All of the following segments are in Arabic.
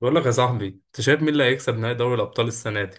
بقول لك يا صاحبي، انت شايف مين اللي هيكسب نهائي دوري الابطال السنه دي؟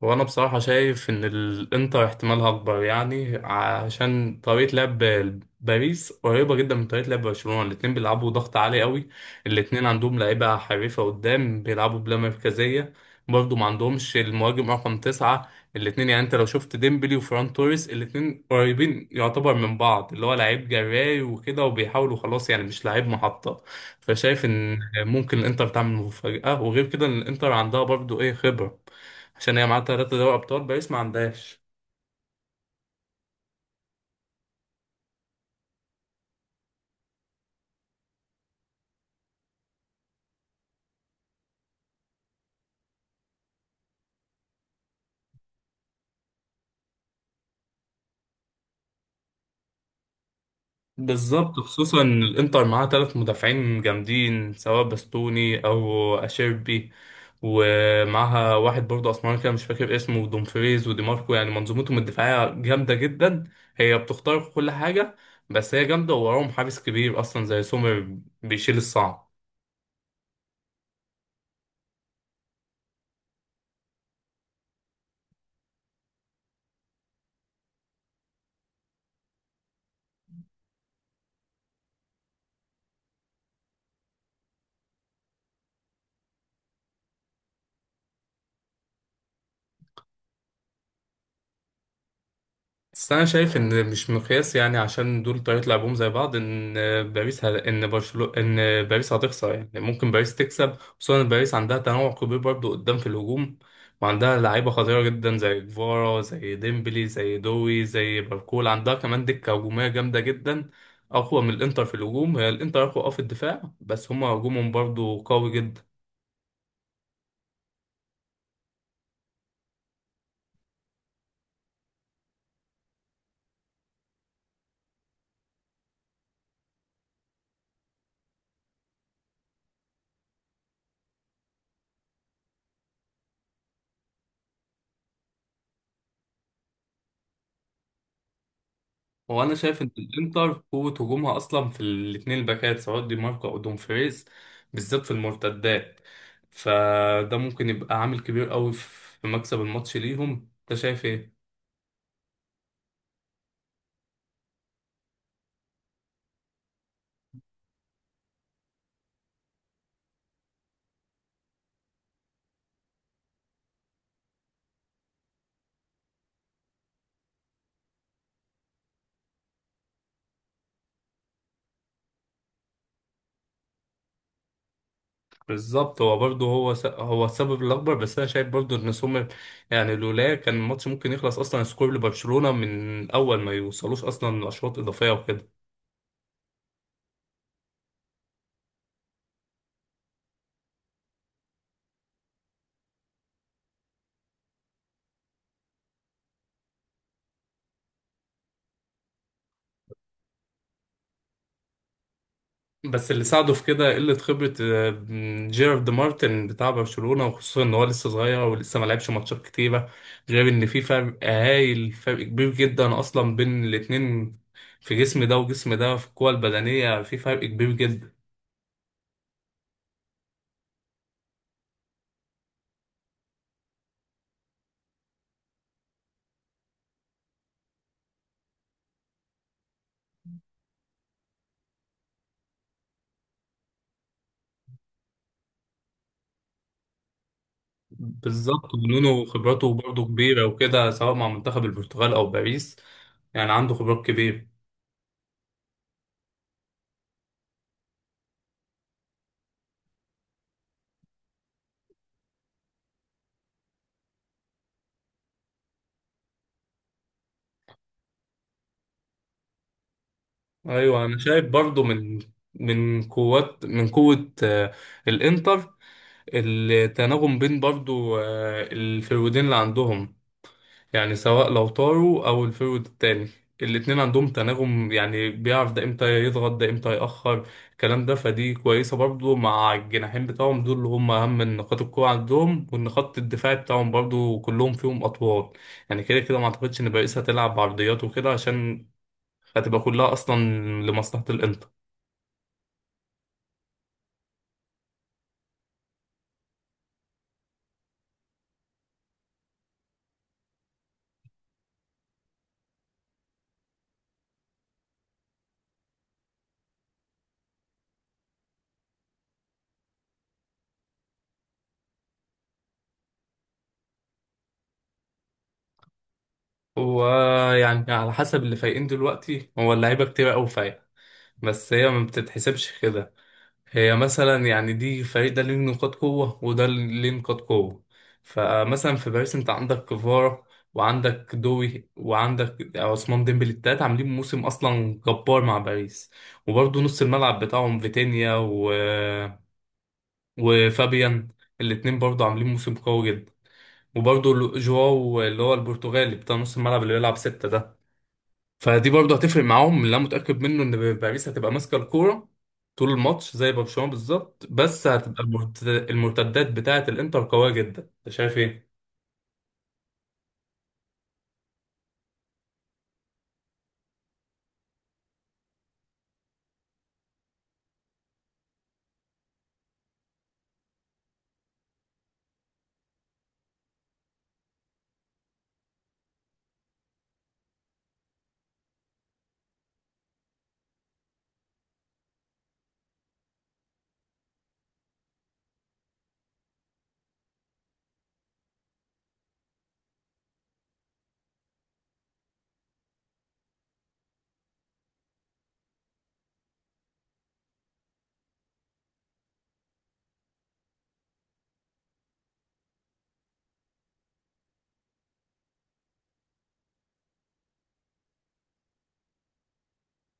وانا بصراحة شايف ان الانتر احتمالها اكبر، يعني عشان طريقة لعب باريس قريبة جدا من طريقة لعب برشلونة. الاتنين بيلعبوا ضغط عالي قوي. الاتنين عندهم لعيبة حريفة قدام بيلعبوا بلا مركزية. برضه ما عندهمش المهاجم رقم تسعة. الاتنين يعني انت لو شفت ديمبلي وفران توريس، الاتنين قريبين يعتبر من بعض، اللي هو لعيب جراي وكده وبيحاولوا خلاص، يعني مش لعيب محطة. فشايف ان ممكن الانتر تعمل مفاجأة. وغير كده إن الانتر عندها برضه ايه خبرة، عشان هي معاها ثلاثة دوري أبطال، باريس ما عندهاش. بالظبط، خصوصا إن الإنتر معاها ثلاث مدافعين جامدين، سواء باستوني أو أشيربي. ومعاها واحد برضه أسمراني كده، مش فاكر اسمه، ودومفريز ودي ماركو. يعني منظومتهم الدفاعية جامدة جدا. هي بتخترق كل حاجة. بس هي جامدة، ووراهم حارس كبير أصلا زي سومر بيشيل الصعب. بس انا شايف ان مش مقياس، يعني عشان دول طريقة لعبهم زي بعض. ان باريس ه... ان برشلونة ان باريس هتخسر، يعني ممكن باريس تكسب. خصوصا ان باريس عندها تنوع كبير برضو قدام في الهجوم، وعندها لعيبة خطيرة جدا، زي كفارا زي ديمبلي زي دوي زي باركول. عندها كمان دكة هجومية جامدة جدا، اقوى من الانتر في الهجوم. هي الانتر اقوى في الدفاع، بس هما هجومهم برضو قوي جدا. هو انا شايف ان الانتر قوه هجومها اصلا في الاثنين الباكات، سواء دي ماركو او دومفريز، بالذات في المرتدات. فده ممكن يبقى عامل كبير قوي في مكسب الماتش ليهم. انت شايف ايه؟ بالظبط. هو برضه هو السبب الاكبر. بس انا شايف برضه ان سومر، يعني لولا، كان الماتش ممكن يخلص اصلا سكور لبرشلونه، من اول ما يوصلوش اصلا لاشواط اضافيه وكده. بس اللي ساعده في كده قلة خبرة جيرارد مارتن بتاع برشلونة، وخصوصا ان هو لسه صغير ولسه ما لعبش ماتشات كتيرة. غير ان في فرق هايل، فرق كبير جدا اصلا بين الاتنين، في جسم ده وجسم ده، في القوة البدنية في فرق كبير جدا. بالظبط، ونونو خبراته برضه كبيرة وكده، سواء مع منتخب البرتغال او باريس. يعني عنده خبرات كبيرة. ايوه، انا شايف برضه من قوة الانتر. التناغم بين برضو الفرويدين اللي عندهم، يعني سواء لو طاروا او الفرويد التاني، الاتنين عندهم تناغم. يعني بيعرف ده امتى يضغط، ده امتى يأخر الكلام ده. فدي كويسة برضو مع الجناحين بتاعهم دول، اللي هم اهم من نقاط القوة عندهم، وان خط الدفاع بتاعهم برضو كلهم فيهم اطوال. يعني كده كده ما اعتقدش ان باريس هتلعب بعرضيات وكده، عشان هتبقى كلها اصلا لمصلحة الانتر. ويعني على حسب اللي فايقين دلوقتي، هو اللعيبة كتير قوي فايقة، بس هي ما بتتحسبش كده. هي مثلا يعني، دي فريق ده ليه نقاط قوة وده ليه نقاط قوة. فمثلا في باريس انت عندك كفارة، وعندك دوي، وعندك عثمان ديمبلي. التلاتة عاملين موسم اصلا جبار مع باريس. وبرضه نص الملعب بتاعهم فيتينيا وفابيان، الاتنين برضه عاملين موسم قوي جدا. وبرضه جواو اللي هو البرتغالي بتاع نص الملعب اللي بيلعب ستة ده، فدي برضه هتفرق معاهم. اللي انا متاكد منه ان باريس هتبقى ماسكه الكوره طول الماتش زي برشلونه بالظبط، بس هتبقى المرتدات بتاعه الانتر قويه جدا. انت شايف ايه؟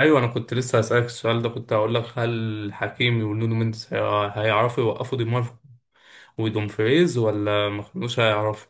ايوه، انا كنت لسه هسالك السؤال ده. كنت هقول لك هل حكيمي ونونو مينديز هيعرفوا يوقفوا دي ماركو ودومفريز، ولا ما كانوش هيعرفوا؟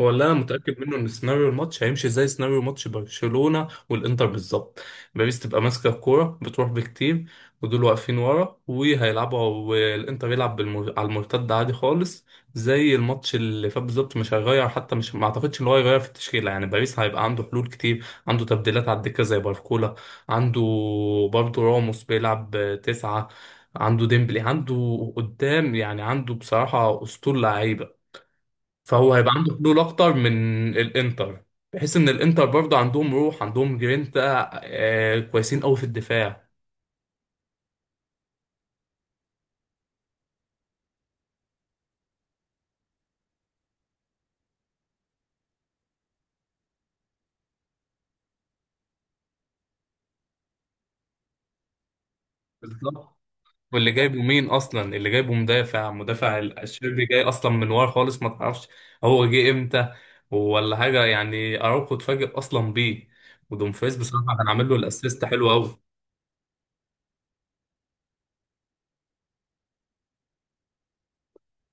هو اللي انا متاكد منه ان سيناريو الماتش هيمشي زي سيناريو ماتش برشلونه والانتر بالظبط. باريس تبقى ماسكه الكوره بتروح بكتير، ودول واقفين ورا وهيلعبوا، والانتر يلعب على المرتد عادي خالص، زي الماتش اللي فات بالظبط. مش هيغير حتى، مش ما اعتقدش ان هو هيغير في التشكيله. يعني باريس هيبقى عنده حلول كتير، عنده تبديلات على الدكه زي باركولا، عنده برضه راموس بيلعب تسعه، عنده ديمبلي، عنده قدام. يعني عنده بصراحه اسطول لعيبه. فهو هيبقى عنده حلول اكتر من الانتر، بحيث ان الانتر برضه عندهم روح، عندهم جرينتا كويسين قوي في الدفاع. بالظبط. واللي جايبه مين اصلا؟ اللي جايبه مدافع الشربي، جاي اصلا من ورا خالص ما تعرفش هو جه امتى ولا حاجه. يعني اراوخو اتفاجئ اصلا بيه. ودومفريز بصراحه كان عامل له الاسيست حلو قوي.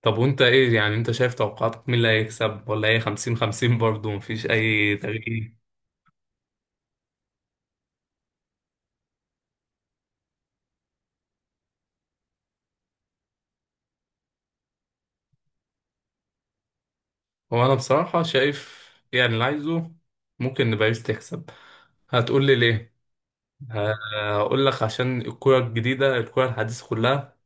طب وانت ايه؟ يعني انت شايف توقعاتك مين اللي هيكسب، ولا هي 50-50 برضه مفيش اي تغيير؟ هو انا بصراحة شايف، يعني اللي عايزه، ممكن ان باريس تكسب. هتقول لي ليه؟ ه- هقول لك عشان الكرة الجديدة، الكرة الحديثة كلها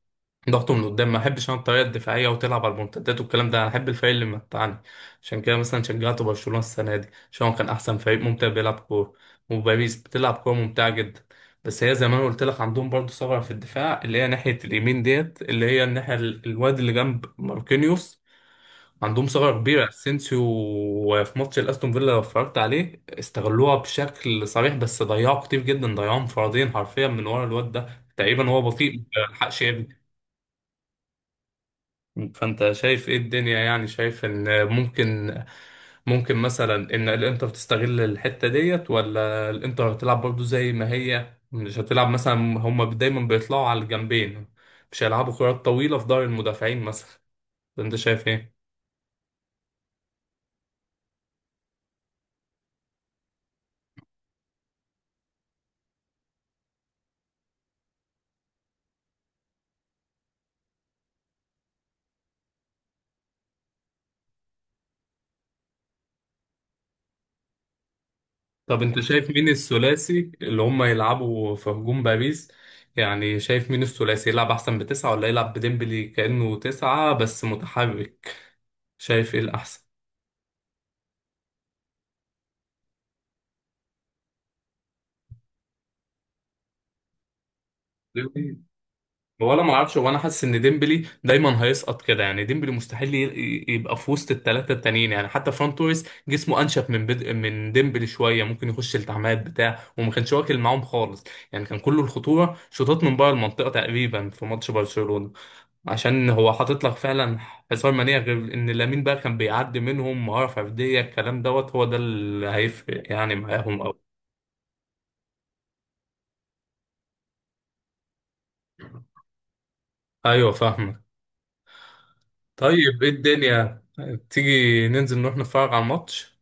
ضغط من قدام. ما احبش انا الطريقة الدفاعية وتلعب على المنتدات والكلام ده. انا احب الفريق اللي متعني. عشان كده مثلا شجعت برشلونة السنة دي، عشان هو كان احسن فريق ممتع بيلعب كورة. وباريس بتلعب كورة ممتعة جدا. بس هي زي ما انا قلت لك، عندهم برضه ثغرة في الدفاع، اللي هي ناحية اليمين ديت، اللي هي الناحية الواد اللي جنب ماركينيوس. عندهم ثغرة كبيرة، اسينسيو. وفي ماتش الاستون فيلا لو اتفرجت عليه، استغلوها بشكل صريح، بس ضيعوا كتير جدا، ضيعوا انفرادين حرفيا من ورا الواد ده. تقريبا هو بطيء ما لحقش يجري. فانت شايف ايه الدنيا؟ يعني شايف ان ممكن مثلا ان الانتر تستغل الحتة ديت، ولا الانتر هتلعب برضو زي ما هي؟ مش هتلعب مثلا، هما دايما بيطلعوا على الجنبين، مش هيلعبوا كرات طويلة في ظهر المدافعين مثلا. انت شايف ايه؟ طب انت شايف مين الثلاثي اللي هم يلعبوا في هجوم باريس؟ يعني شايف مين الثلاثي يلعب احسن، بتسعة، ولا يلعب بديمبلي كأنه تسعة بس متحرك؟ شايف ايه الاحسن؟ هو انا ما اعرفش. هو انا حاسس ان ديمبلي دايما هيسقط كده، يعني ديمبلي مستحيل يبقى في وسط الثلاثه التانيين. يعني حتى فران توريس جسمه انشف من ديمبلي شويه، ممكن يخش التعامات بتاع وما كانش واكل معاهم خالص. يعني كان كله الخطوره شوطات من بره المنطقه تقريبا في ماتش برشلونه، عشان هو حاطط لك فعلا حصار منيع. غير ان لامين بقى كان بيعدي منهم مهاره فرديه. الكلام دوت هو ده اللي هيفرق يعني معاهم قوي. ايوه فاهمك. طيب ايه الدنيا؟ طيب، تيجي ننزل نروح نتفرج على الماتش.